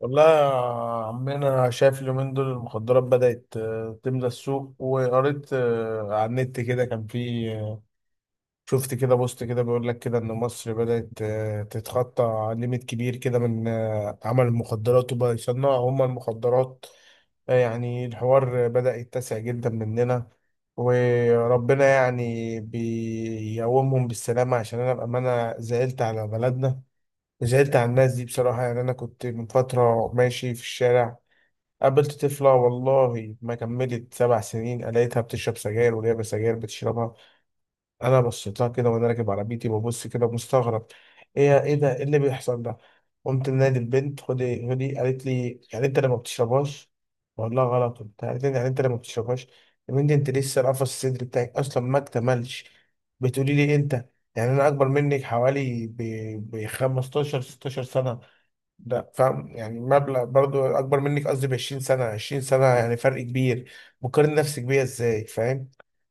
والله يا عمنا، أنا شايف اليومين دول المخدرات بدأت تملى السوق. وقريت على النت كده كان في شفت كده بوست كده بيقول لك كده إن مصر بدأت تتخطى ليميت كبير كده من عمل المخدرات، وبقى يصنعوا هما المخدرات. يعني الحوار بدأ يتسع جدا مننا وربنا يعني بيقومهم بالسلامة، عشان أنا بأمانة زعلت على بلدنا. زعلت على الناس دي بصراحة. يعني أنا كنت من فترة ماشي في الشارع، قابلت طفلة والله ما كملت سبع سنين لقيتها بتشرب سجاير، ولعبة سجاير بتشربها. أنا بصيت لها كده وأنا راكب عربيتي، ببص كده مستغرب، إيه إيه ده؟ إيه اللي بيحصل ده؟ قمت منادي البنت، خدي خدي. قالت لي يعني أنت اللي ما بتشربهاش؟ بقول لها غلط وبتاع. قالت لي يعني أنت اللي ما بتشربهاش؟ يا بنتي أنت لسه القفص الصدري بتاعك أصلا ما اكتملش، بتقولي لي إيه أنت؟ يعني أنا أكبر منك حوالي ب 15 16 سنة. لا فاهم، يعني مبلغ برضو اكبر منك، قصدي ب 20 سنه، 20 سنه يعني فرق كبير. مقارن نفسك بيا ازاي؟ فاهم؟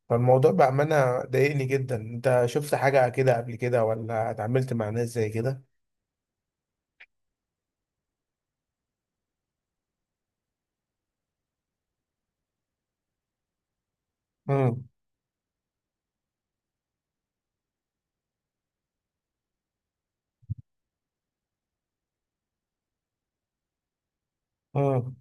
فالموضوع بامانه ضايقني جدا. انت شفت حاجه كده قبل كده، ولا اتعاملت مع ناس زي كده؟ امم. امم.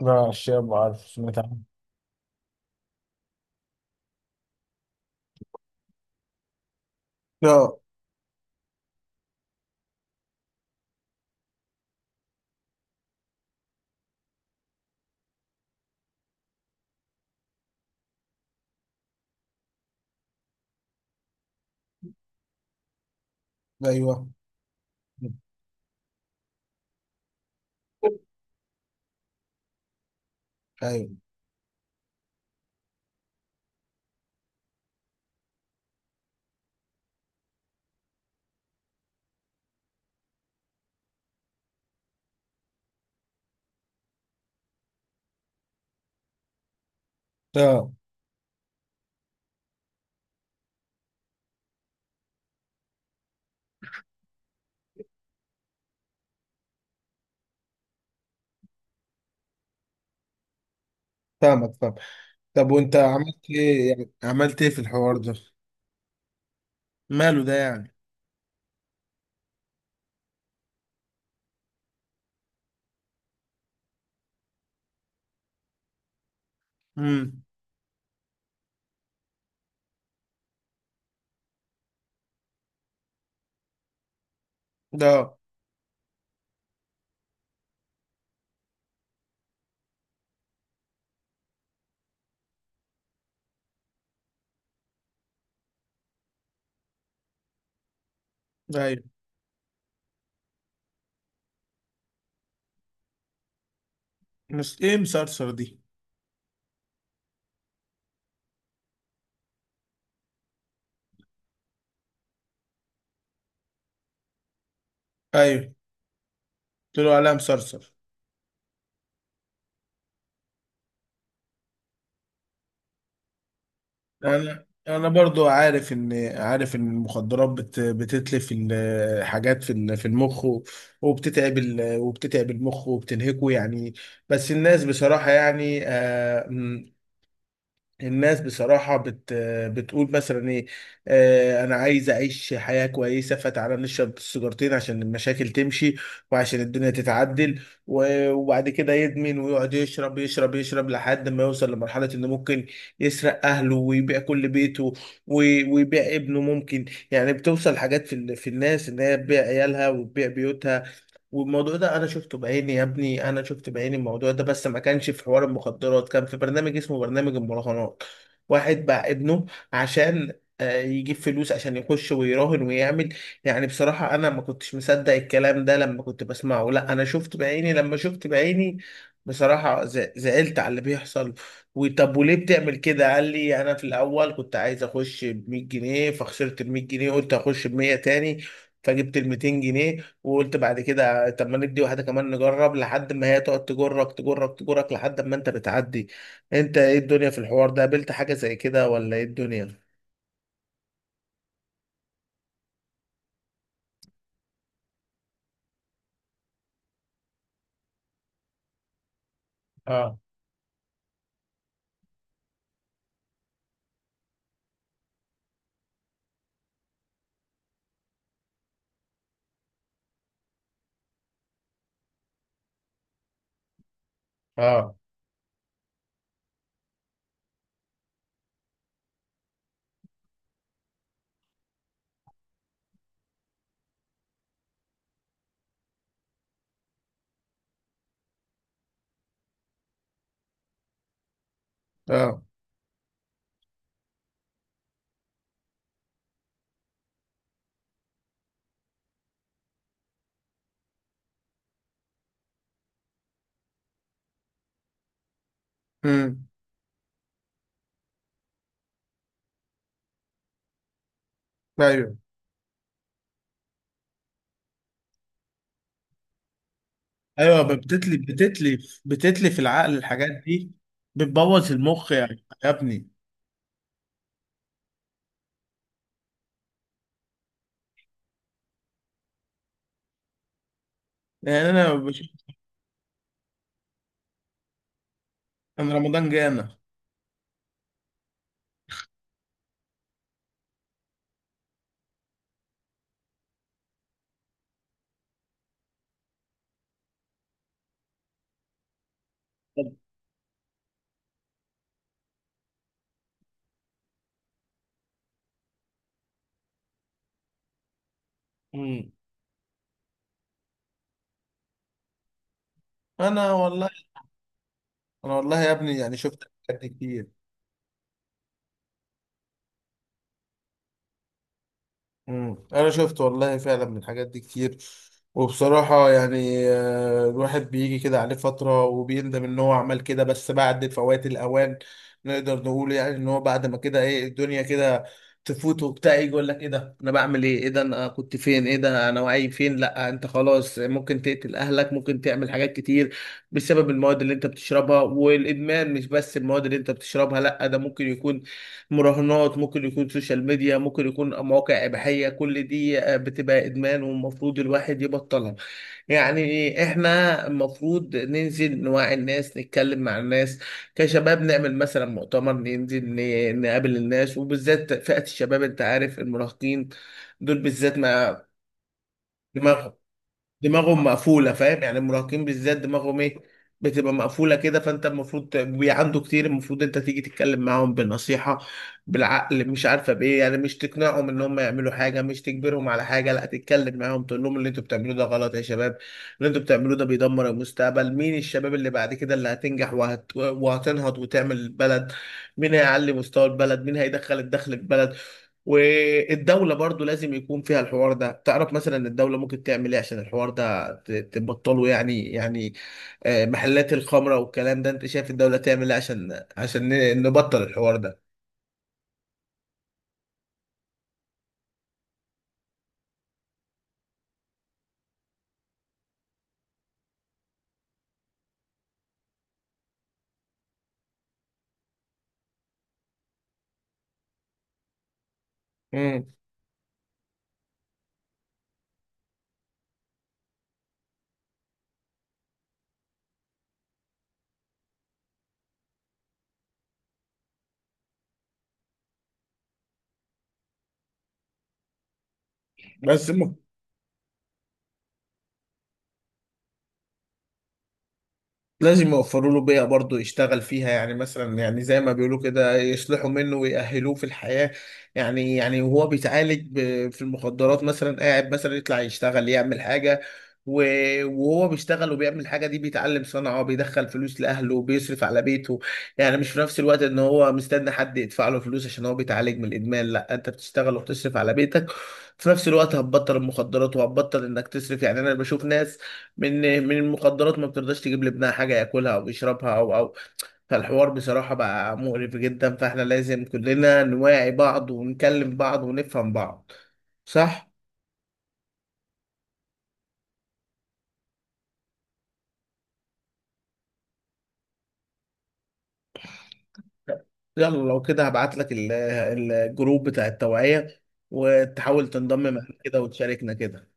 لا الشيء، ما عارف، سمعت عنه. اه. ايوه. ايوه. اه. فاهمك، فاهم. طب وانت عملت ايه؟ يعني عملت ايه في الحوار ده؟ ماله ده يعني؟ امم. ده. ايوه. ايه مسرسر دي؟ ايوه، قلت له عليها مسرسر. انا برضو عارف ان، عارف ان المخدرات بتتلف الحاجات في في المخ، وبتتعب وبتتعب المخ وبتنهكه يعني. بس الناس بصراحة يعني الناس بصراحة بتقول مثلا ايه، آه انا عايز اعيش حياة كويسة، فتعالى نشرب السيجارتين عشان المشاكل تمشي وعشان الدنيا تتعدل. وبعد كده يدمن ويقعد يشرب يشرب يشرب لحد ما يوصل لمرحلة انه ممكن يسرق اهله ويبيع كل بيته، ويبيع ابنه ممكن. يعني بتوصل حاجات في في الناس ان هي تبيع عيالها وتبيع بيوتها. والموضوع ده انا شفته بعيني يا ابني، انا شفت بعيني الموضوع ده، بس ما كانش في حوار المخدرات، كان في برنامج اسمه برنامج المراهنات. واحد باع ابنه عشان يجيب فلوس عشان يخش ويراهن ويعمل. يعني بصراحة انا ما كنتش مصدق الكلام ده لما كنت بسمعه، لا انا شفت بعيني، لما شفت بعيني بصراحة زعلت على اللي بيحصل. وطب وليه بتعمل كده؟ قال لي انا في الاول كنت عايز اخش ب 100 جنيه، فخسرت ال 100 جنيه، قلت اخش ب 100 تاني، فجبت ال 200 جنيه. وقلت بعد كده طب ما ندي واحده كمان نجرب، لحد ما هي تقعد تجرك تجرك تجرك لحد ما انت بتعدي. انت ايه الدنيا في الحوار ده؟ قابلت حاجه زي كده ولا ايه الدنيا؟ اه. اه. اه. امم. ايوه. ايوه بتتلف بتتلف بتتلف العقل الحاجات دي، بتبوظ المخ يعني يا ابني. يعني انا بشوف، انا رمضان جانا. طب- امم. انا والله، انا والله يا ابني يعني شفت الحاجات دي كتير. مم. انا شفت والله فعلا من الحاجات دي كتير. وبصراحة يعني الواحد بيجي كده عليه فترة وبيندم ان هو عمل كده، بس بعد فوات الاوان. نقدر نقول يعني ان هو بعد ما كده ايه الدنيا كده تفوت وبتاع، يجي يقول لك ايه ده انا بعمل ايه؟ ايه ده انا كنت فين؟ ايه ده انا وعي فين؟ لا انت خلاص، ممكن تقتل اهلك، ممكن تعمل حاجات كتير بسبب المواد اللي انت بتشربها والادمان. مش بس المواد اللي انت بتشربها، لا ده ممكن يكون مراهنات، ممكن يكون سوشيال ميديا، ممكن يكون مواقع إباحية. كل دي بتبقى إدمان، والمفروض الواحد يبطلها. يعني احنا المفروض ننزل نوعي الناس، نتكلم مع الناس كشباب، نعمل مثلا مؤتمر، ننزل نقابل الناس وبالذات فئة الشباب. انت عارف المراهقين دول بالذات ما دماغهم دماغهم مقفوله، فاهم؟ يعني المراهقين بالذات دماغهم ايه، بتبقى مقفوله كده. فانت المفروض عنده كتير، المفروض انت تيجي تتكلم معاهم بالنصيحه، بالعقل، مش عارفه بايه، يعني مش تقنعهم ان هم يعملوا حاجه، مش تجبرهم على حاجه، لا تتكلم معاهم، تقول لهم اللي انتوا بتعملوه ده غلط يا شباب، اللي انتوا بتعملوه ده بيدمر المستقبل. مين الشباب اللي بعد كده اللي هتنجح وهتنهض وتعمل البلد؟ مين هيعلي مستوى البلد؟ مين هيدخل الدخل البلد؟ والدولة برضو لازم يكون فيها الحوار ده. تعرف مثلا الدولة ممكن تعمل ايه عشان الحوار ده تبطله؟ يعني محلات الخمرة والكلام ده، انت شايف الدولة تعمل ايه عشان نبطل الحوار ده؟ مم. بس م- لازم يوفروا له بيئة برضه يشتغل فيها. يعني مثلا يعني زي ما بيقولوا كده، يصلحوا منه ويأهلوه في الحياة. يعني وهو بيتعالج في المخدرات، مثلا قاعد مثلا يطلع يشتغل يعمل حاجة، وهو بيشتغل وبيعمل الحاجة دي، بيتعلم صنعة، بيدخل فلوس لأهله، بيصرف على بيته. يعني مش في نفس الوقت إن هو مستني حد يدفع له فلوس عشان هو بيتعالج من الإدمان، لا أنت بتشتغل وبتصرف على بيتك في نفس الوقت، هتبطل المخدرات وهتبطل إنك تصرف. يعني أنا بشوف ناس من من المخدرات ما بترضاش تجيب لابنها حاجة ياكلها او يشربها او او. فالحوار بصراحة بقى مقرف جدا، فاحنا لازم كلنا نواعي بعض ونكلم بعض ونفهم بعض. صح؟ يلا لو كده هبعت لك الجروب بتاع التوعية، وتحاول تنضم معانا كده وتشاركنا كده.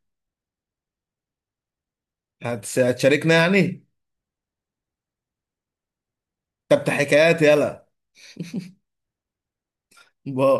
هتشاركنا يعني؟ طب ده حكايات. يلا، باي.